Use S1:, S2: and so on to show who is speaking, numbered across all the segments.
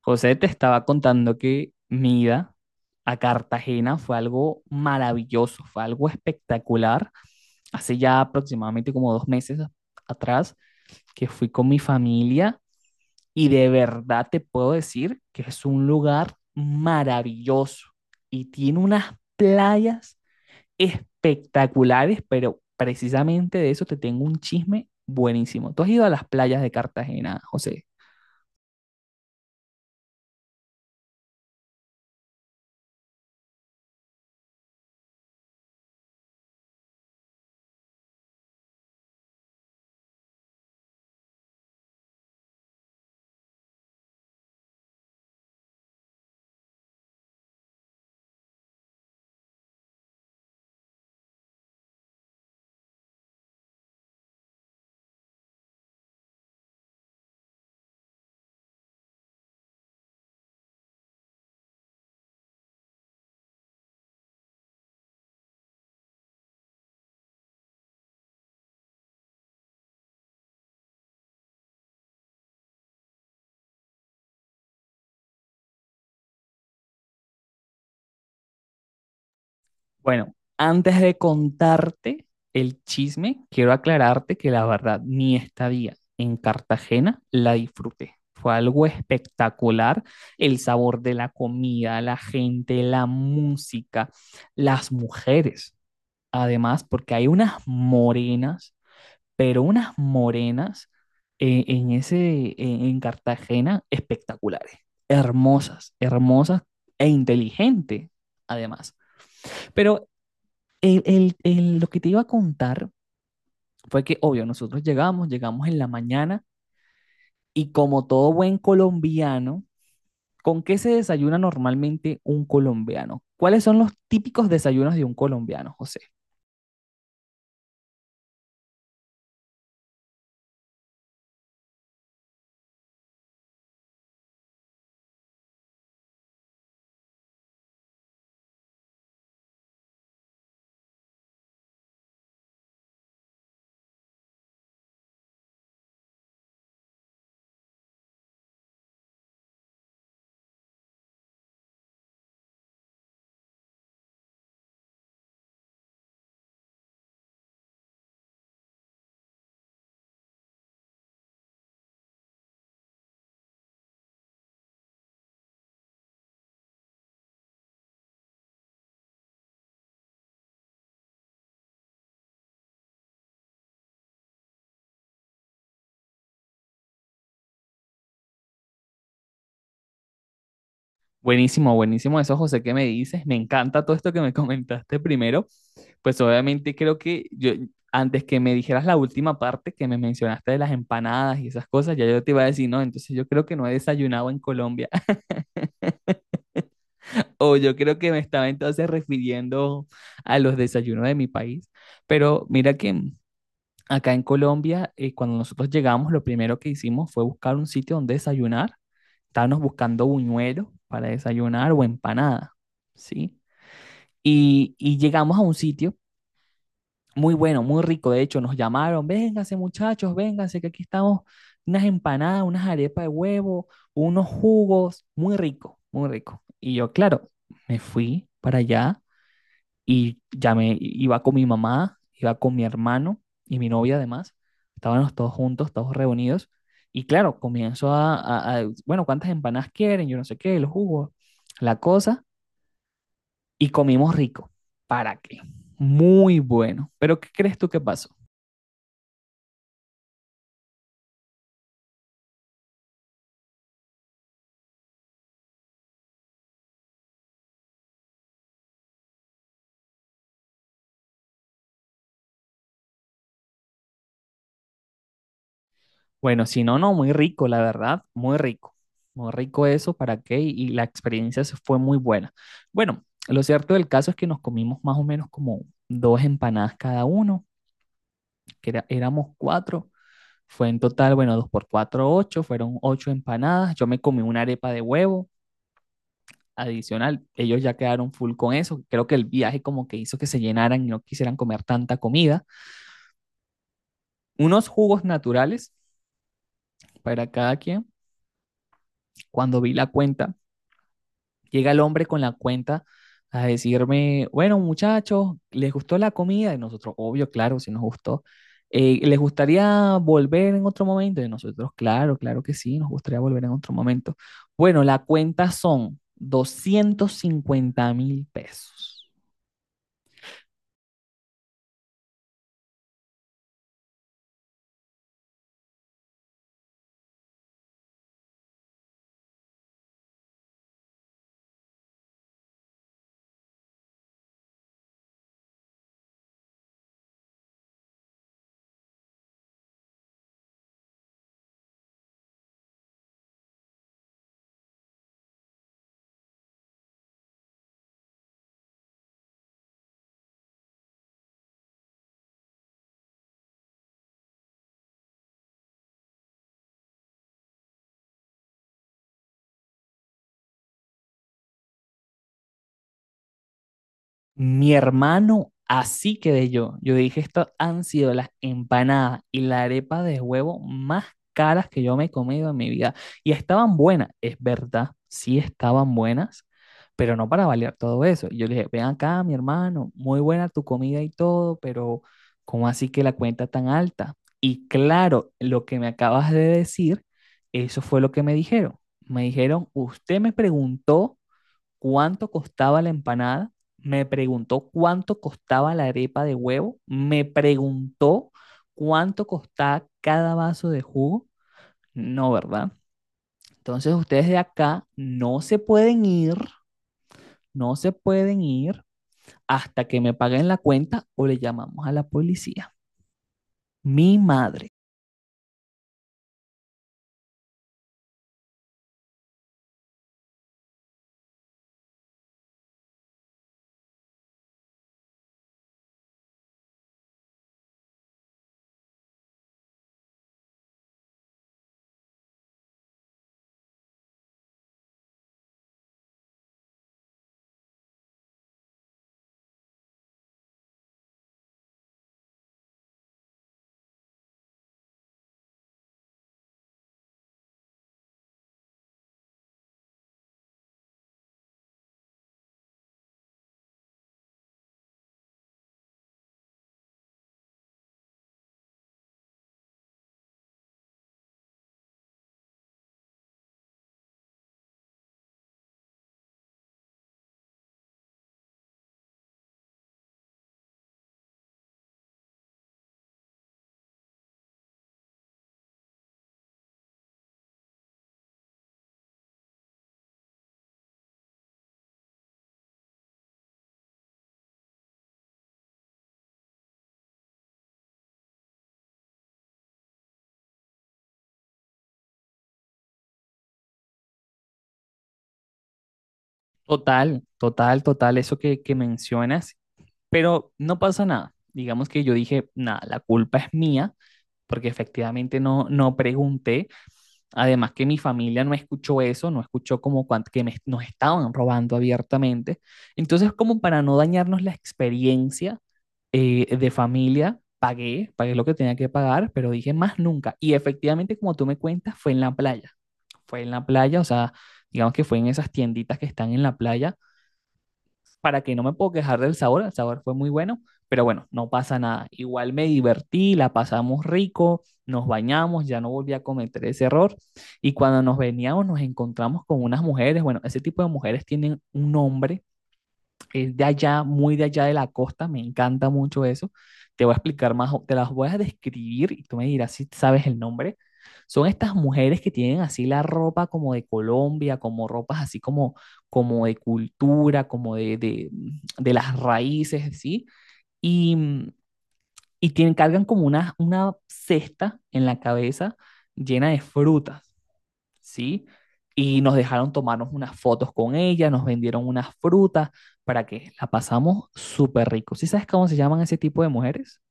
S1: José, te estaba contando que mi ida a Cartagena fue algo maravilloso, fue algo espectacular. Hace ya aproximadamente como dos meses atrás que fui con mi familia y de verdad te puedo decir que es un lugar maravilloso y tiene unas playas espectaculares, pero precisamente de eso te tengo un chisme buenísimo. ¿Tú has ido a las playas de Cartagena, José? Bueno, antes de contarte el chisme, quiero aclararte que la verdad, mi estadía en Cartagena la disfruté. Fue algo espectacular, el sabor de la comida, la gente, la música, las mujeres. Además, porque hay unas morenas, pero unas morenas en en Cartagena espectaculares, hermosas, hermosas e inteligentes, además. Pero lo que te iba a contar fue que, obvio, nosotros llegamos en la mañana y como todo buen colombiano, ¿con qué se desayuna normalmente un colombiano? ¿Cuáles son los típicos desayunos de un colombiano, José? Buenísimo, buenísimo eso, José, ¿qué me dices? Me encanta todo esto que me comentaste primero. Pues obviamente creo que yo, antes que me dijeras la última parte que me mencionaste de las empanadas y esas cosas, ya yo te iba a decir, no, entonces yo creo que no he desayunado en Colombia. O yo creo que me estaba entonces refiriendo a los desayunos de mi país. Pero mira que acá en Colombia, cuando nosotros llegamos, lo primero que hicimos fue buscar un sitio donde desayunar. Estábamos buscando buñuelos para desayunar o empanada, ¿sí? Y llegamos a un sitio muy bueno, muy rico. De hecho, nos llamaron, vénganse muchachos, vénganse, que aquí estamos unas empanadas, unas arepas de huevo, unos jugos, muy rico, muy rico. Y yo, claro, me fui para allá y llamé, iba con mi mamá, iba con mi hermano y mi novia además. Estábamos todos juntos, todos reunidos. Y claro, comienzo bueno, ¿cuántas empanadas quieren? Yo no sé qué, los jugos la cosa. Y comimos rico. ¿Para qué? Muy bueno. Pero ¿qué crees tú que pasó? Bueno, si no, no, muy rico, la verdad, muy rico. Muy rico eso, ¿para qué? Y la experiencia se fue muy buena. Bueno, lo cierto del caso es que nos comimos más o menos como dos empanadas cada uno, éramos cuatro. Fue en total, bueno, 2 por 4, 8, fueron 8 empanadas. Yo me comí una arepa de huevo adicional. Ellos ya quedaron full con eso. Creo que el viaje como que hizo que se llenaran y no quisieran comer tanta comida. Unos jugos naturales para cada quien. Cuando vi la cuenta, llega el hombre con la cuenta a decirme, bueno, muchachos, ¿les gustó la comida? Y nosotros, obvio, claro, si nos gustó. ¿Les gustaría volver en otro momento? Y nosotros, claro, claro que sí, nos gustaría volver en otro momento. Bueno, la cuenta son 250.000 pesos. Mi hermano, así quedé yo. Yo dije, estas han sido las empanadas y la arepa de huevo más caras que yo me he comido en mi vida. Y estaban buenas, es verdad, sí estaban buenas, pero no para valer todo eso. Y yo le dije, ven acá, mi hermano, muy buena tu comida y todo, pero ¿cómo así que la cuenta tan alta? Y claro, lo que me acabas de decir, eso fue lo que me dijeron. Me dijeron, usted me preguntó cuánto costaba la empanada, me preguntó cuánto costaba la arepa de huevo, me preguntó cuánto costaba cada vaso de jugo. No, ¿verdad? Entonces ustedes de acá no se pueden ir hasta que me paguen la cuenta o le llamamos a la policía. Mi madre. Total, total, total, eso que mencionas. Pero no pasa nada. Digamos que yo dije, nada, la culpa es mía porque efectivamente no pregunté. Además que mi familia no escuchó eso, no escuchó como nos estaban robando abiertamente. Entonces, como para no dañarnos la experiencia de familia, pagué, pagué lo que tenía que pagar, pero dije más nunca. Y efectivamente, como tú me cuentas, fue en la playa. Fue en la playa, o sea, digamos que fue en esas tienditas que están en la playa para que no me puedo quejar del sabor, el sabor fue muy bueno, pero bueno, no pasa nada. Igual me divertí, la pasamos rico, nos bañamos, ya no volví a cometer ese error. Y cuando nos veníamos, nos encontramos con unas mujeres, bueno, ese tipo de mujeres tienen un nombre es de allá, muy de allá de la costa, me encanta mucho eso. Te voy a explicar más, te las voy a describir y tú me dirás si sabes el nombre. Son estas mujeres que tienen así la ropa como de Colombia, como ropas así como, como de cultura, de las raíces, ¿sí? Y, mm, y tienen, cargan como una cesta en la cabeza llena de frutas. ¿Sí? Y nos dejaron tomarnos unas fotos con ella, nos vendieron unas frutas para que la pasamos súper rico. ¿Sí sabes cómo se llaman ese tipo de mujeres?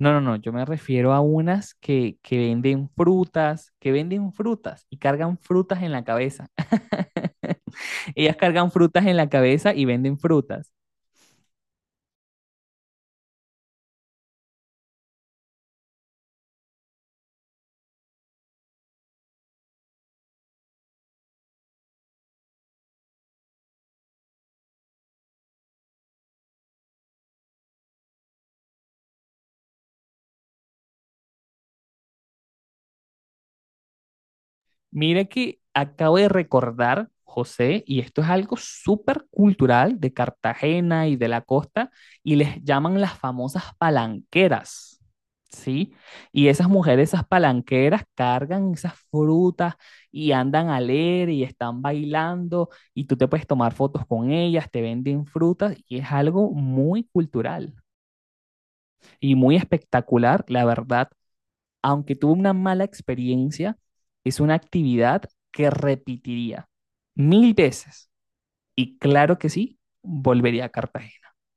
S1: No, no, no, yo me refiero a unas que venden frutas y cargan frutas en la cabeza. Ellas cargan frutas en la cabeza y venden frutas. Mira que acabo de recordar, José, y esto es algo súper cultural de Cartagena y de la costa, y les llaman las famosas palanqueras, ¿sí? Y esas mujeres, esas palanqueras, cargan esas frutas y andan a leer y están bailando, y tú te puedes tomar fotos con ellas, te venden frutas, y es algo muy cultural y muy espectacular, la verdad aunque tuvo una mala experiencia, es una actividad que repetiría 1.000 veces. Y claro que sí, volvería a Cartagena.